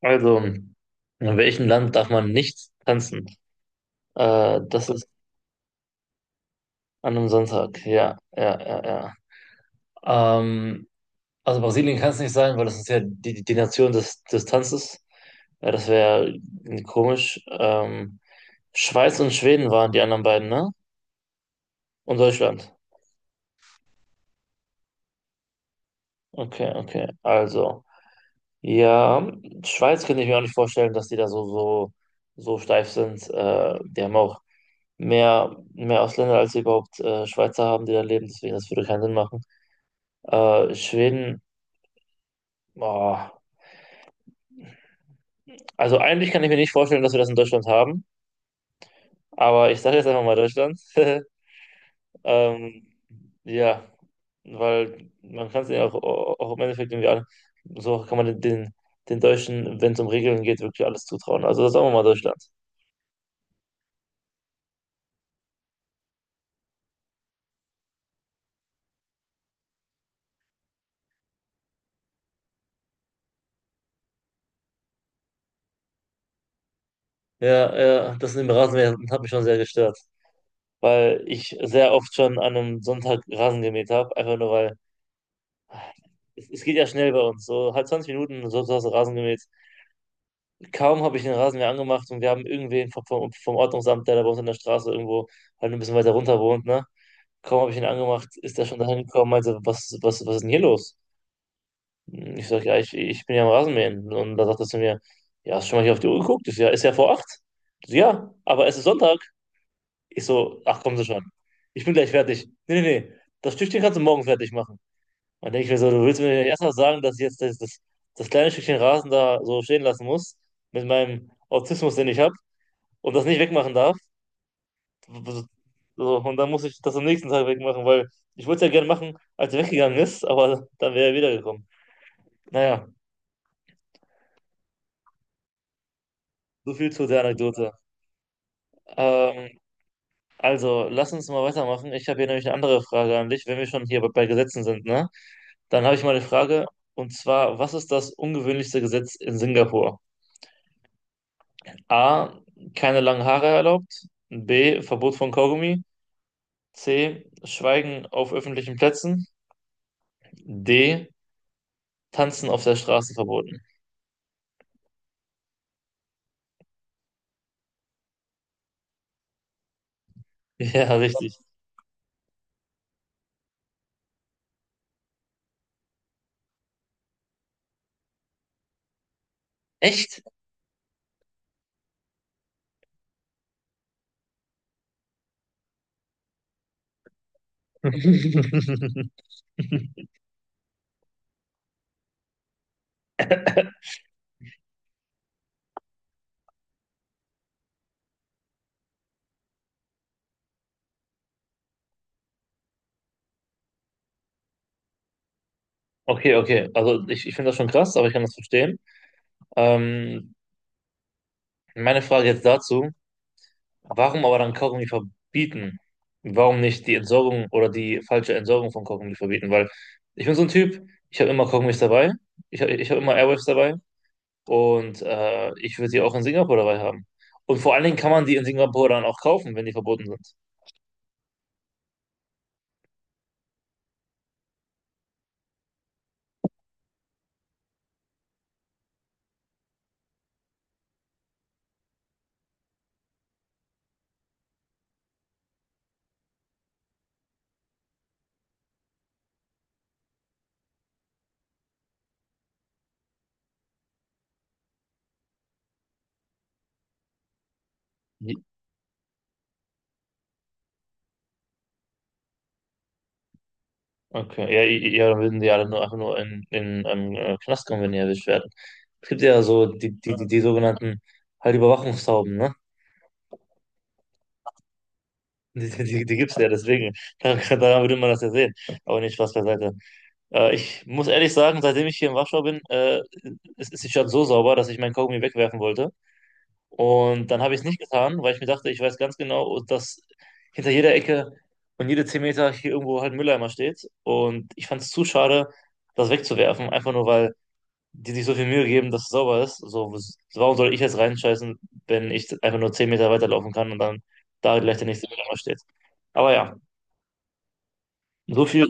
Also, in welchem Land darf man nicht tanzen? Das ist an einem Sonntag. Ja, ja, ja, ja. Also Brasilien kann es nicht sein, weil das ist ja die Nation des Tanzes. Ja, das wäre komisch. Schweiz und Schweden waren die anderen beiden, ne? Und Deutschland. Okay, okay. Also. Ja, Schweiz könnte ich mir auch nicht vorstellen, dass die da so steif sind. Die haben auch mehr Ausländer, als sie überhaupt Schweizer haben, die da leben. Deswegen, das würde keinen Sinn machen. Schweden, boah. Also eigentlich kann ich mir nicht vorstellen, dass wir das in Deutschland haben. Aber ich sage jetzt einfach mal Deutschland. Ähm, ja, weil man kann es ja auch, auch im Endeffekt irgendwie an. So kann man den Deutschen, wenn es um Regeln geht, wirklich alles zutrauen. Also sagen wir mal Deutschland. Ja, ja, das mit dem Rasenmähen hat mich schon sehr gestört, weil ich sehr oft schon an einem Sonntag Rasen gemäht habe, einfach nur weil es geht ja schnell bei uns, so halb 20 Minuten, so so hast du Rasen gemäht. Kaum habe ich den Rasenmäher angemacht und wir haben irgendwen vom Ordnungsamt, der da bei uns in der Straße irgendwo halt ein bisschen weiter runter wohnt, ne? Kaum habe ich ihn angemacht, ist er schon dahin gekommen, meinte, was ist denn hier los? Ich sag, ja, ich bin ja am Rasenmähen. Und da sagt er zu mir, ja, hast du schon mal hier auf die Uhr geguckt? Ich so, ja, ist ja vor acht. Ich so, ja, aber es ist Sonntag. Ich so, ach, kommen Sie schon. Ich bin gleich fertig. Nee, nee, nee. Das Stückchen kannst du morgen fertig machen. Und denke ich mir so, du willst mir nicht erst mal sagen, dass ich jetzt das kleine Stückchen Rasen da so stehen lassen muss, mit meinem Autismus, den ich habe, und das nicht wegmachen darf. So, und dann muss ich das am nächsten Tag wegmachen, weil ich wollte es ja gerne machen, als er weggegangen ist, aber dann wäre er wiedergekommen. Naja, so viel zu der Anekdote. Ähm, Also, lass uns mal weitermachen. Ich habe hier nämlich eine andere Frage an dich, wenn wir schon hier bei bei Gesetzen sind, ne? Dann habe ich mal eine Frage, und zwar, was ist das ungewöhnlichste Gesetz in Singapur? A, keine langen Haare erlaubt. B, Verbot von Kaugummi. C, Schweigen auf öffentlichen Plätzen. D, Tanzen auf der Straße verboten. Ja, richtig. Echt? Okay, okay. Also ich finde das schon krass, aber ich kann das verstehen. Ähm, meine Frage jetzt dazu. Warum aber dann Kaugummi verbieten? Warum nicht die Entsorgung oder die falsche Entsorgung von Kaugummi verbieten? Weil ich bin so ein Typ, ich habe immer Kaugummis dabei, ich hab immer Airwaves dabei und ich würde die auch in Singapur dabei haben. Und vor allen Dingen kann man die in Singapur dann auch kaufen, wenn die verboten sind. Je- Okay, ja, ja, dann würden die alle nur einfach nur in, in Knast kommen, wenn die erwischt werden. Es gibt ja so die sogenannten halt Überwachungstauben, ne? Die gibt es ja, deswegen. Daran würde man das ja sehen. Aber nicht Spaß beiseite. Ich muss ehrlich sagen, seitdem ich hier in Warschau bin, ist die Stadt so sauber, dass ich meinen Kaugummi wegwerfen wollte. Und dann habe ich es nicht getan, weil ich mir dachte, ich weiß ganz genau, dass hinter jeder Ecke und jede 10 Meter hier irgendwo halt ein Mülleimer steht. Und ich fand es zu schade, das wegzuwerfen, einfach nur weil die sich so viel Mühe geben, dass es sauber ist. So, warum soll ich jetzt reinscheißen, wenn ich einfach nur 10 Meter weiterlaufen kann und dann da gleich der nächste Mülleimer steht? Aber ja, so viel.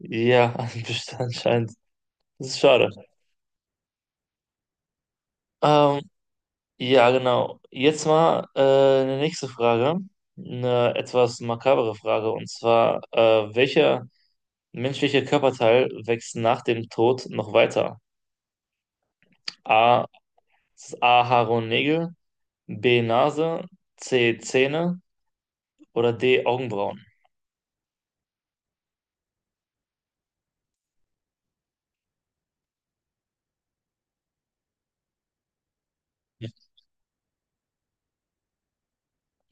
Ja, anscheinend. Das ist schade. Ähm, Ja, genau. Jetzt mal eine nächste Frage. Eine etwas makabere Frage. Und zwar, welcher menschliche Körperteil wächst nach dem Tod noch weiter? A. Haare und Nägel. B. Nase. C. Zähne. Oder D. Augenbrauen.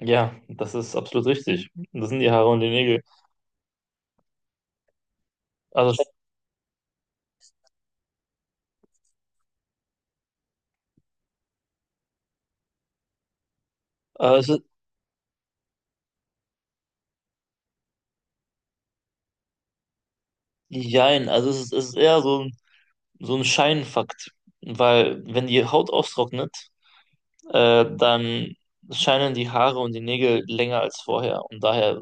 Ja, das ist absolut richtig. Das sind die Haare und die Nägel. Also, äh, es ist, jein, also es ist eher so so ein Scheinfakt. Weil, wenn die Haut austrocknet, dann scheinen die Haare und die Nägel länger als vorher. Und daher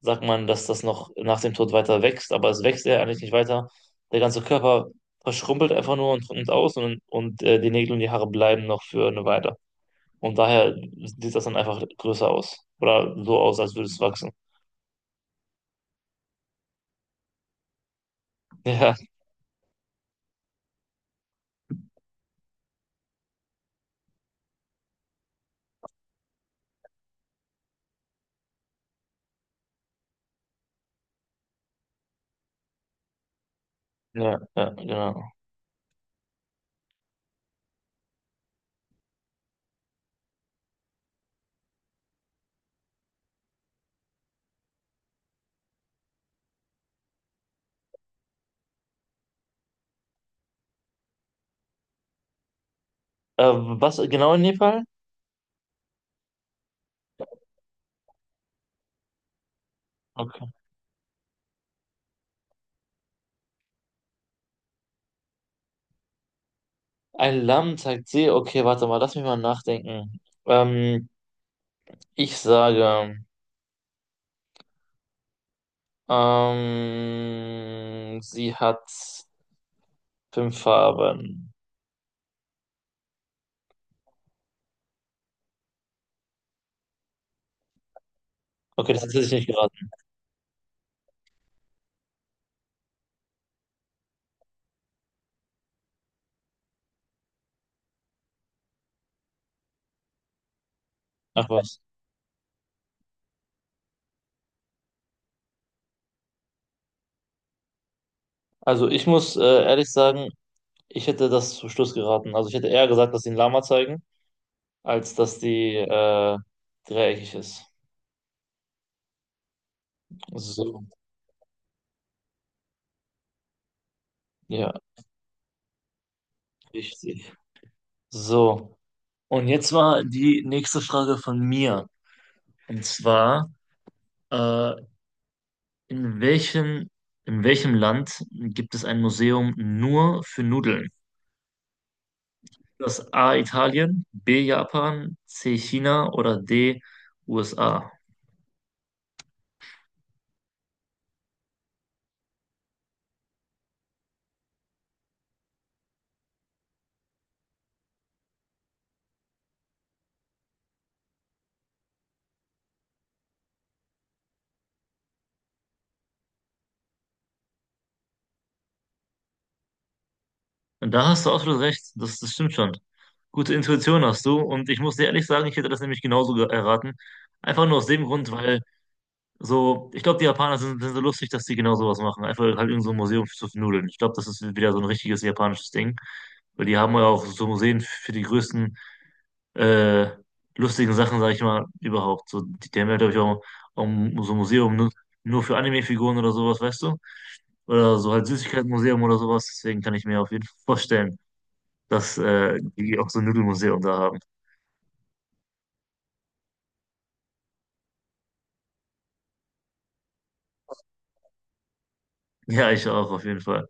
sagt man, dass das noch nach dem Tod weiter wächst, aber es wächst ja eigentlich nicht weiter. Der ganze Körper verschrumpelt einfach nur und trocknet aus und, und die Nägel und die Haare bleiben noch für eine Weile. Und daher sieht das dann einfach größer aus. Oder so aus, als würde es wachsen. Ja, ja, ja, genau. Was genau in Nepal? Okay. Ein Lamm zeigt See. Okay, warte mal, lass mich mal nachdenken. Ähm, ich sage. Sie hat fünf Farben. Okay, das hätte ich nicht geraten. Ach was. Also ich muss ehrlich sagen, ich hätte das zum Schluss geraten. Also ich hätte eher gesagt, dass sie ein Lama zeigen, als dass die dreieckig ist. So, ja, richtig. So, und jetzt war die nächste Frage von mir. Und zwar, äh, in welchem, in welchem Land gibt es ein Museum nur für Nudeln? Das A Italien, B Japan, C China oder D USA. Und da hast du absolut recht, das stimmt schon. Gute Intuition hast du und ich muss dir ehrlich sagen, ich hätte das nämlich genauso erraten. Einfach nur aus dem Grund, weil so, ich glaube, die Japaner sind so lustig, dass die genau sowas machen. Einfach halt irgend so ein Museum zu Nudeln. Ich glaube, das ist wieder so ein richtiges japanisches Ding, weil die haben ja auch so Museen für die größten äh, lustigen Sachen, sage ich mal, überhaupt. So, die haben ja, glaube ich, auch so ein Museum nur für Anime-Figuren oder sowas, weißt du? Oder so halt Süßigkeitenmuseum oder sowas. Deswegen kann ich mir auf jeden Fall vorstellen, dass die auch so ein Nudelmuseum da haben. Ja, ich auch, auf jeden Fall.